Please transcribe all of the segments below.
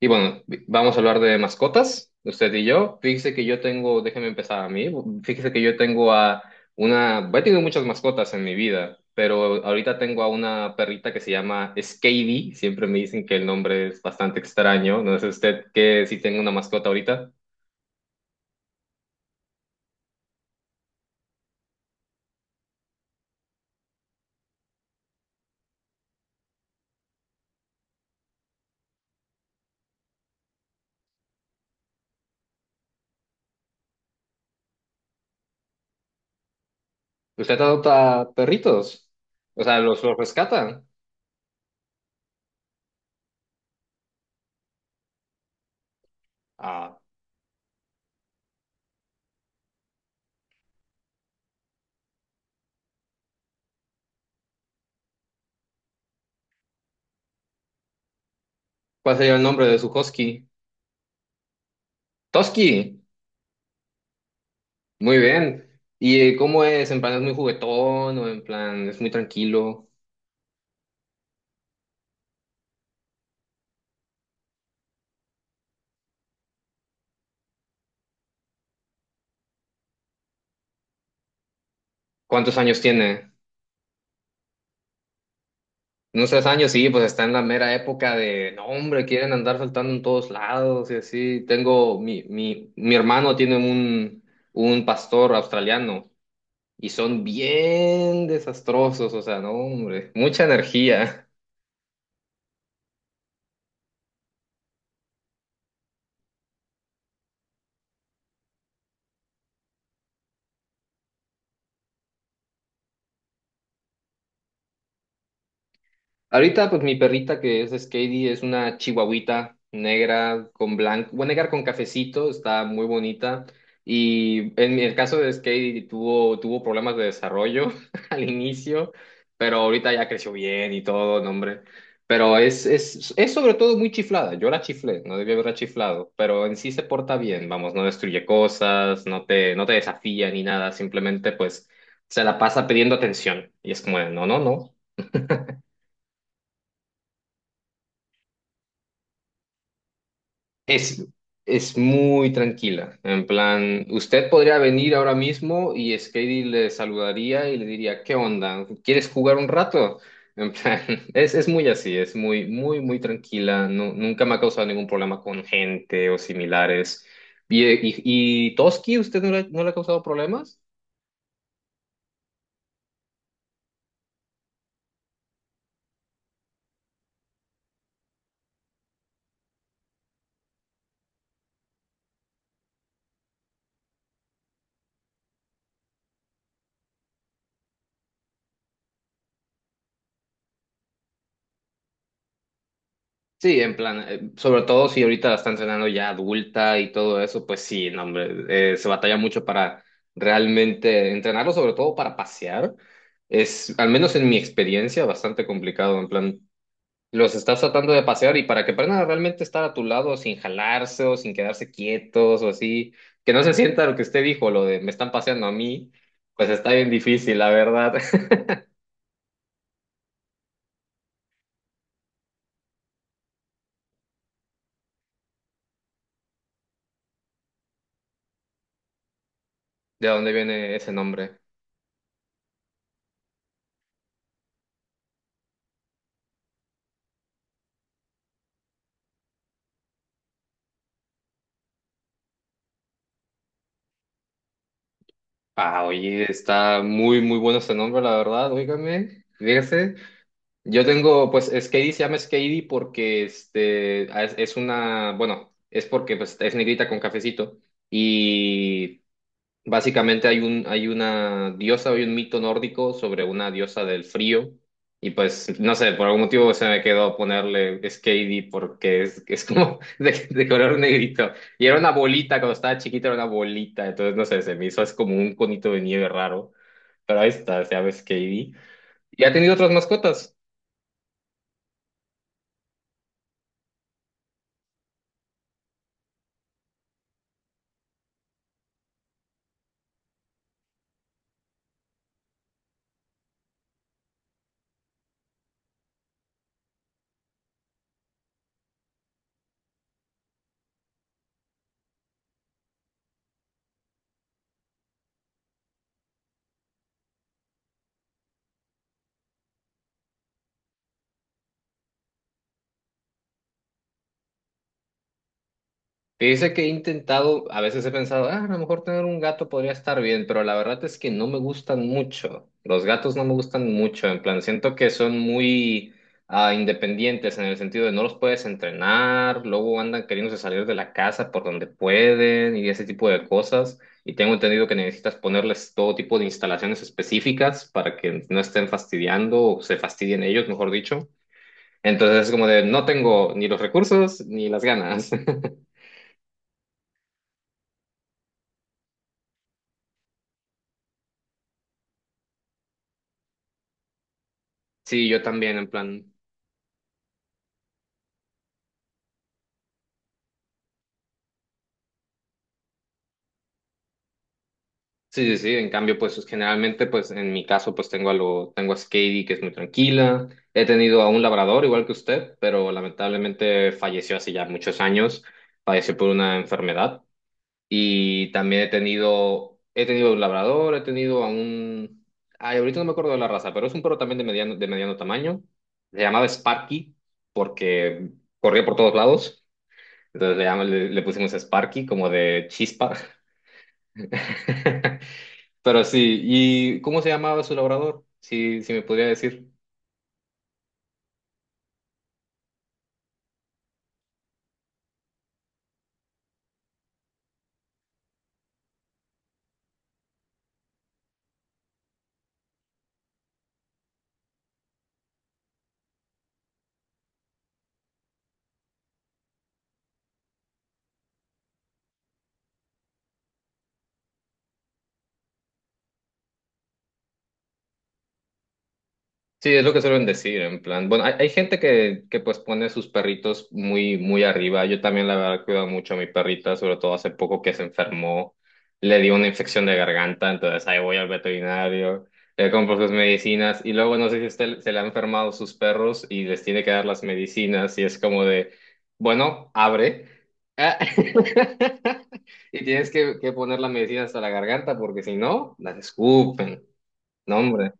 Y bueno, vamos a hablar de mascotas, usted y yo. Fíjese que yo tengo, déjeme empezar a mí, fíjese que yo tengo a una, he tenido muchas mascotas en mi vida, pero ahorita tengo a una perrita que se llama Skady, siempre me dicen que el nombre es bastante extraño, no sé usted que si tengo una mascota ahorita. ¿Usted adopta perritos? O sea, ¿los rescata? Ah, ¿cuál sería el nombre de su husky? Toski, muy bien. ¿Y cómo es? ¿En plan es muy juguetón o en plan es muy tranquilo? ¿Cuántos años tiene? Unos 3 años, sí, pues está en la mera época de, no, hombre, quieren andar saltando en todos lados y así. Mi hermano tiene un pastor australiano y son bien desastrosos, o sea, no, hombre, mucha energía. Ahorita, pues mi perrita que es Skady es una chihuahuita negra con blanco, bueno, negra con cafecito, está muy bonita. Y en el caso de Skady tuvo problemas de desarrollo al inicio, pero ahorita ya creció bien y todo, no, hombre. Pero es sobre todo muy chiflada. Yo la chiflé, no debía haberla chiflado, pero en sí se porta bien, vamos, no destruye cosas, no te desafía ni nada, simplemente pues se la pasa pidiendo atención. Y es como, de, no, no, no. Es, es muy tranquila. En plan, usted podría venir ahora mismo y Skady le saludaría y le diría, ¿qué onda? ¿Quieres jugar un rato? En plan, es muy así, es muy, muy, muy tranquila. No, nunca me ha causado ningún problema con gente o similares. ¿Y, y, y Toski, usted no le ha causado problemas? Sí, en plan, sobre todo si ahorita la están cenando ya adulta y todo eso, pues sí, no, hombre, se batalla mucho para realmente entrenarlo, sobre todo para pasear. Es, al menos en mi experiencia, bastante complicado, en plan, los estás tratando de pasear y para que aprendan a realmente estar a tu lado sin jalarse o sin quedarse quietos o así, que no se sienta lo que usted dijo, lo de me están paseando a mí, pues está bien difícil, la verdad. ¿De dónde viene ese nombre? Ah, oye, está muy, muy bueno ese nombre, la verdad, óigame, fíjese. Yo tengo, pues, Skady se llama Skady porque, es una, bueno, es porque, pues, es negrita con cafecito. Y básicamente hay una diosa, hay un mito nórdico sobre una diosa del frío. Y pues, no sé, por algún motivo se me quedó ponerle Skadi porque es como de color negrito. Y era una bolita, cuando estaba chiquita era una bolita. Entonces, no sé, se me hizo es como un conito de nieve raro. Pero ahí está, se llama Skadi. ¿Y ha tenido otras mascotas? Dice que he intentado, a veces he pensado, "Ah, a lo mejor tener un gato podría estar bien, pero la verdad es que no me gustan mucho. Los gatos no me gustan mucho, en plan, siento que son muy independientes en el sentido de no los puedes entrenar, luego andan queriéndose salir de la casa por donde pueden y ese tipo de cosas. Y tengo entendido que necesitas ponerles todo tipo de instalaciones específicas para que no estén fastidiando o se fastidien ellos, mejor dicho. Entonces es como de, no tengo ni los recursos ni las ganas. Sí, yo también, en plan. Sí, sí, sí. En cambio, pues generalmente, pues en mi caso, pues tengo a Skady, que es muy tranquila. He tenido a un labrador, igual que usted, pero lamentablemente falleció hace ya muchos años. Falleció por una enfermedad. Y también he tenido un labrador, he tenido a un. Ay, ahorita no me acuerdo de la raza, pero es un perro también de mediano tamaño. Se llamaba Sparky porque corría por todos lados. Entonces le pusimos Sparky como de chispa. Pero sí, ¿y cómo se llamaba su labrador? Si, si me podría decir. Sí, es lo que suelen decir, en plan. Bueno, hay gente que pues pone sus perritos muy, muy arriba. Yo también la verdad cuido mucho a mi perrita, sobre todo hace poco que se enfermó, le dio una infección de garganta, entonces ahí voy al veterinario, le compro sus medicinas y luego no sé si a usted se le han enfermado sus perros y les tiene que dar las medicinas y es como de, bueno, abre. Ah, Y tienes que poner las medicinas hasta la garganta porque si no, las escupen. No, hombre.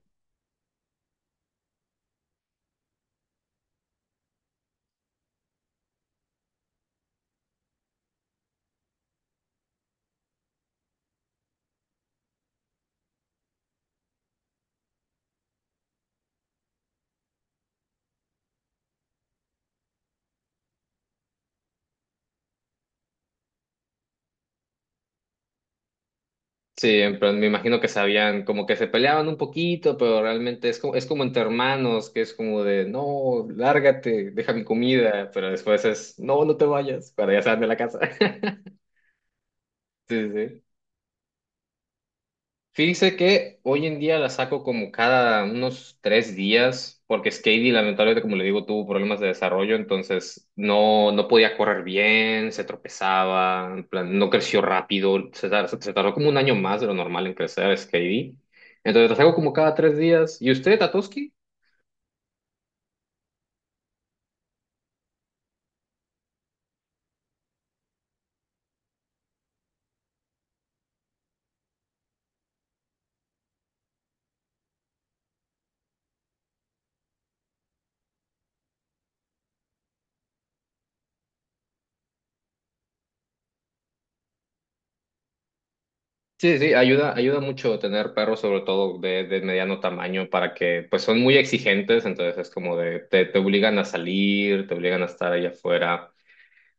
Sí, pero me imagino que sabían, como que se peleaban un poquito, pero realmente es como entre hermanos, que es como de, no, lárgate, deja mi comida, pero después es, no, no te vayas, para ya salen de la casa. Sí, sí. Fíjese que hoy en día la saco como cada unos 3 días, porque Skady lamentablemente, como le digo, tuvo problemas de desarrollo, entonces no, no podía correr bien, se tropezaba, en plan, no creció rápido, se tardó como un año más de lo normal en crecer Skady. Entonces la saco como cada 3 días. ¿Y usted, Tatoski? Sí, sí, ayuda mucho tener perros, sobre todo de mediano tamaño, para que, pues son muy exigentes, entonces es como de, te obligan a salir, te obligan a estar ahí afuera.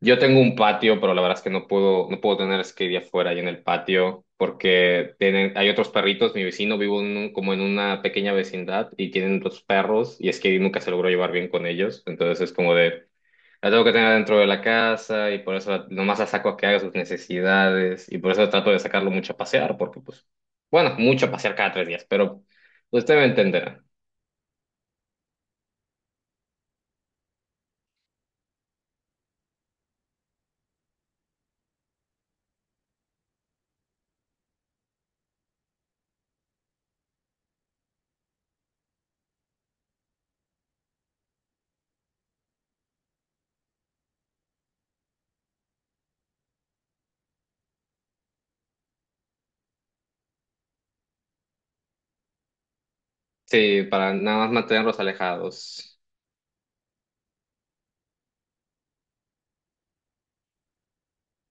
Yo tengo un patio, pero la verdad es que no puedo tener skate afuera y en el patio porque tienen, hay otros perritos. Mi vecino vivo en como en una pequeña vecindad y tienen otros perros y skate nunca se logró llevar bien con ellos. Entonces es como de, la tengo que tener dentro de la casa y por eso nomás la saco a que haga sus necesidades y por eso trato de sacarlo mucho a pasear porque pues, bueno, mucho a pasear cada 3 días, pero usted me entenderá. Sí, para nada más mantenerlos alejados.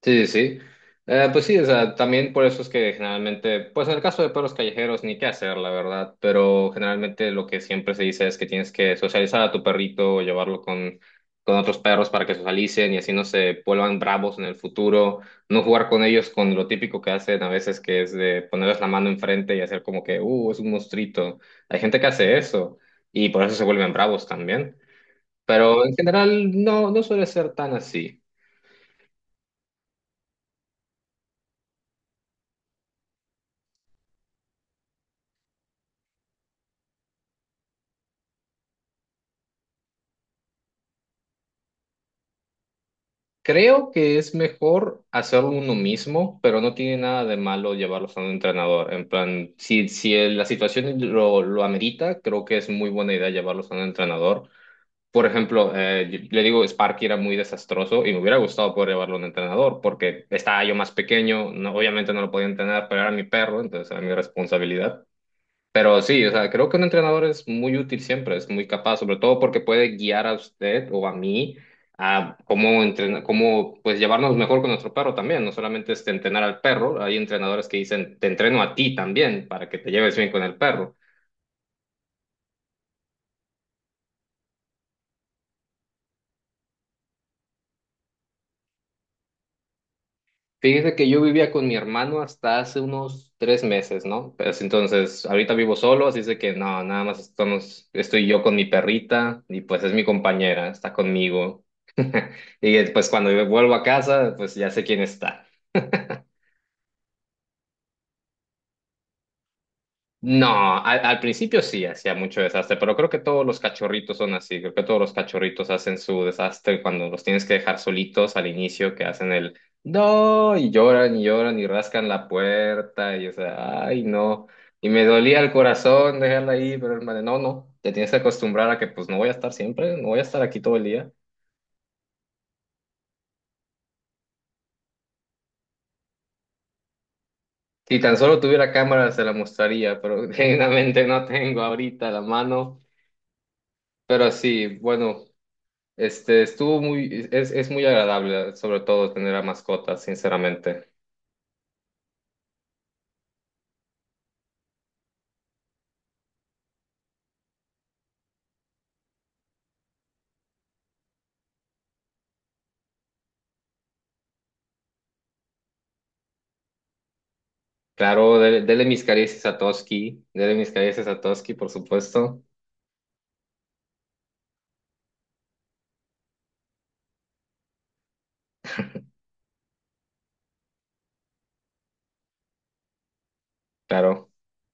Sí, sí, sí. Pues sí, o sea, también por eso es que generalmente, pues en el caso de perros callejeros, ni qué hacer, la verdad, pero generalmente lo que siempre se dice es que tienes que socializar a tu perrito o llevarlo con, otros perros para que socialicen y así no se vuelvan bravos en el futuro, no jugar con ellos con lo típico que hacen a veces, que es de ponerles la mano enfrente y hacer como que, es un monstruito. Hay gente que hace eso y por eso se vuelven bravos también, pero en general no, no suele ser tan así. Creo que es mejor hacerlo uno mismo, pero no tiene nada de malo llevarlos a un entrenador. En plan, si, si la situación lo amerita, creo que es muy buena idea llevarlos a un entrenador. Por ejemplo, le digo, Sparky era muy desastroso y me hubiera gustado poder llevarlo a un entrenador porque estaba yo más pequeño, obviamente no lo podía entrenar, pero era mi perro, entonces era mi responsabilidad. Pero sí, o sea, creo que un entrenador es muy útil siempre, es muy capaz, sobre todo porque puede guiar a usted o a mí a cómo entrenar, cómo pues llevarnos mejor con nuestro perro también, no solamente es entrenar al perro, hay entrenadores que dicen, te entreno a ti también para que te lleves bien con el perro. Fíjese que yo vivía con mi hermano hasta hace unos 3 meses, ¿no? Pues entonces, ahorita vivo solo, así es de que no, nada más estoy yo con mi perrita y pues es mi compañera, está conmigo. Y pues cuando yo vuelvo a casa, pues ya sé quién está. No, al principio sí hacía mucho desastre, pero creo que todos los cachorritos son así, creo que todos los cachorritos hacen su desastre cuando los tienes que dejar solitos al inicio, que hacen el no, y lloran y lloran y rascan la puerta, y o sea, ay no, y me dolía el corazón dejarla ahí, pero hermano, no, no, te tienes que acostumbrar a que pues no voy a estar siempre, no voy a estar aquí todo el día. Si tan solo tuviera cámara se la mostraría, pero genuinamente no tengo ahorita la mano. Pero sí, bueno. Es muy agradable, sobre todo tener a mascotas, sinceramente. Claro, dele, dele mis caricias a Toski, dele mis caricias a Toski, por supuesto, claro.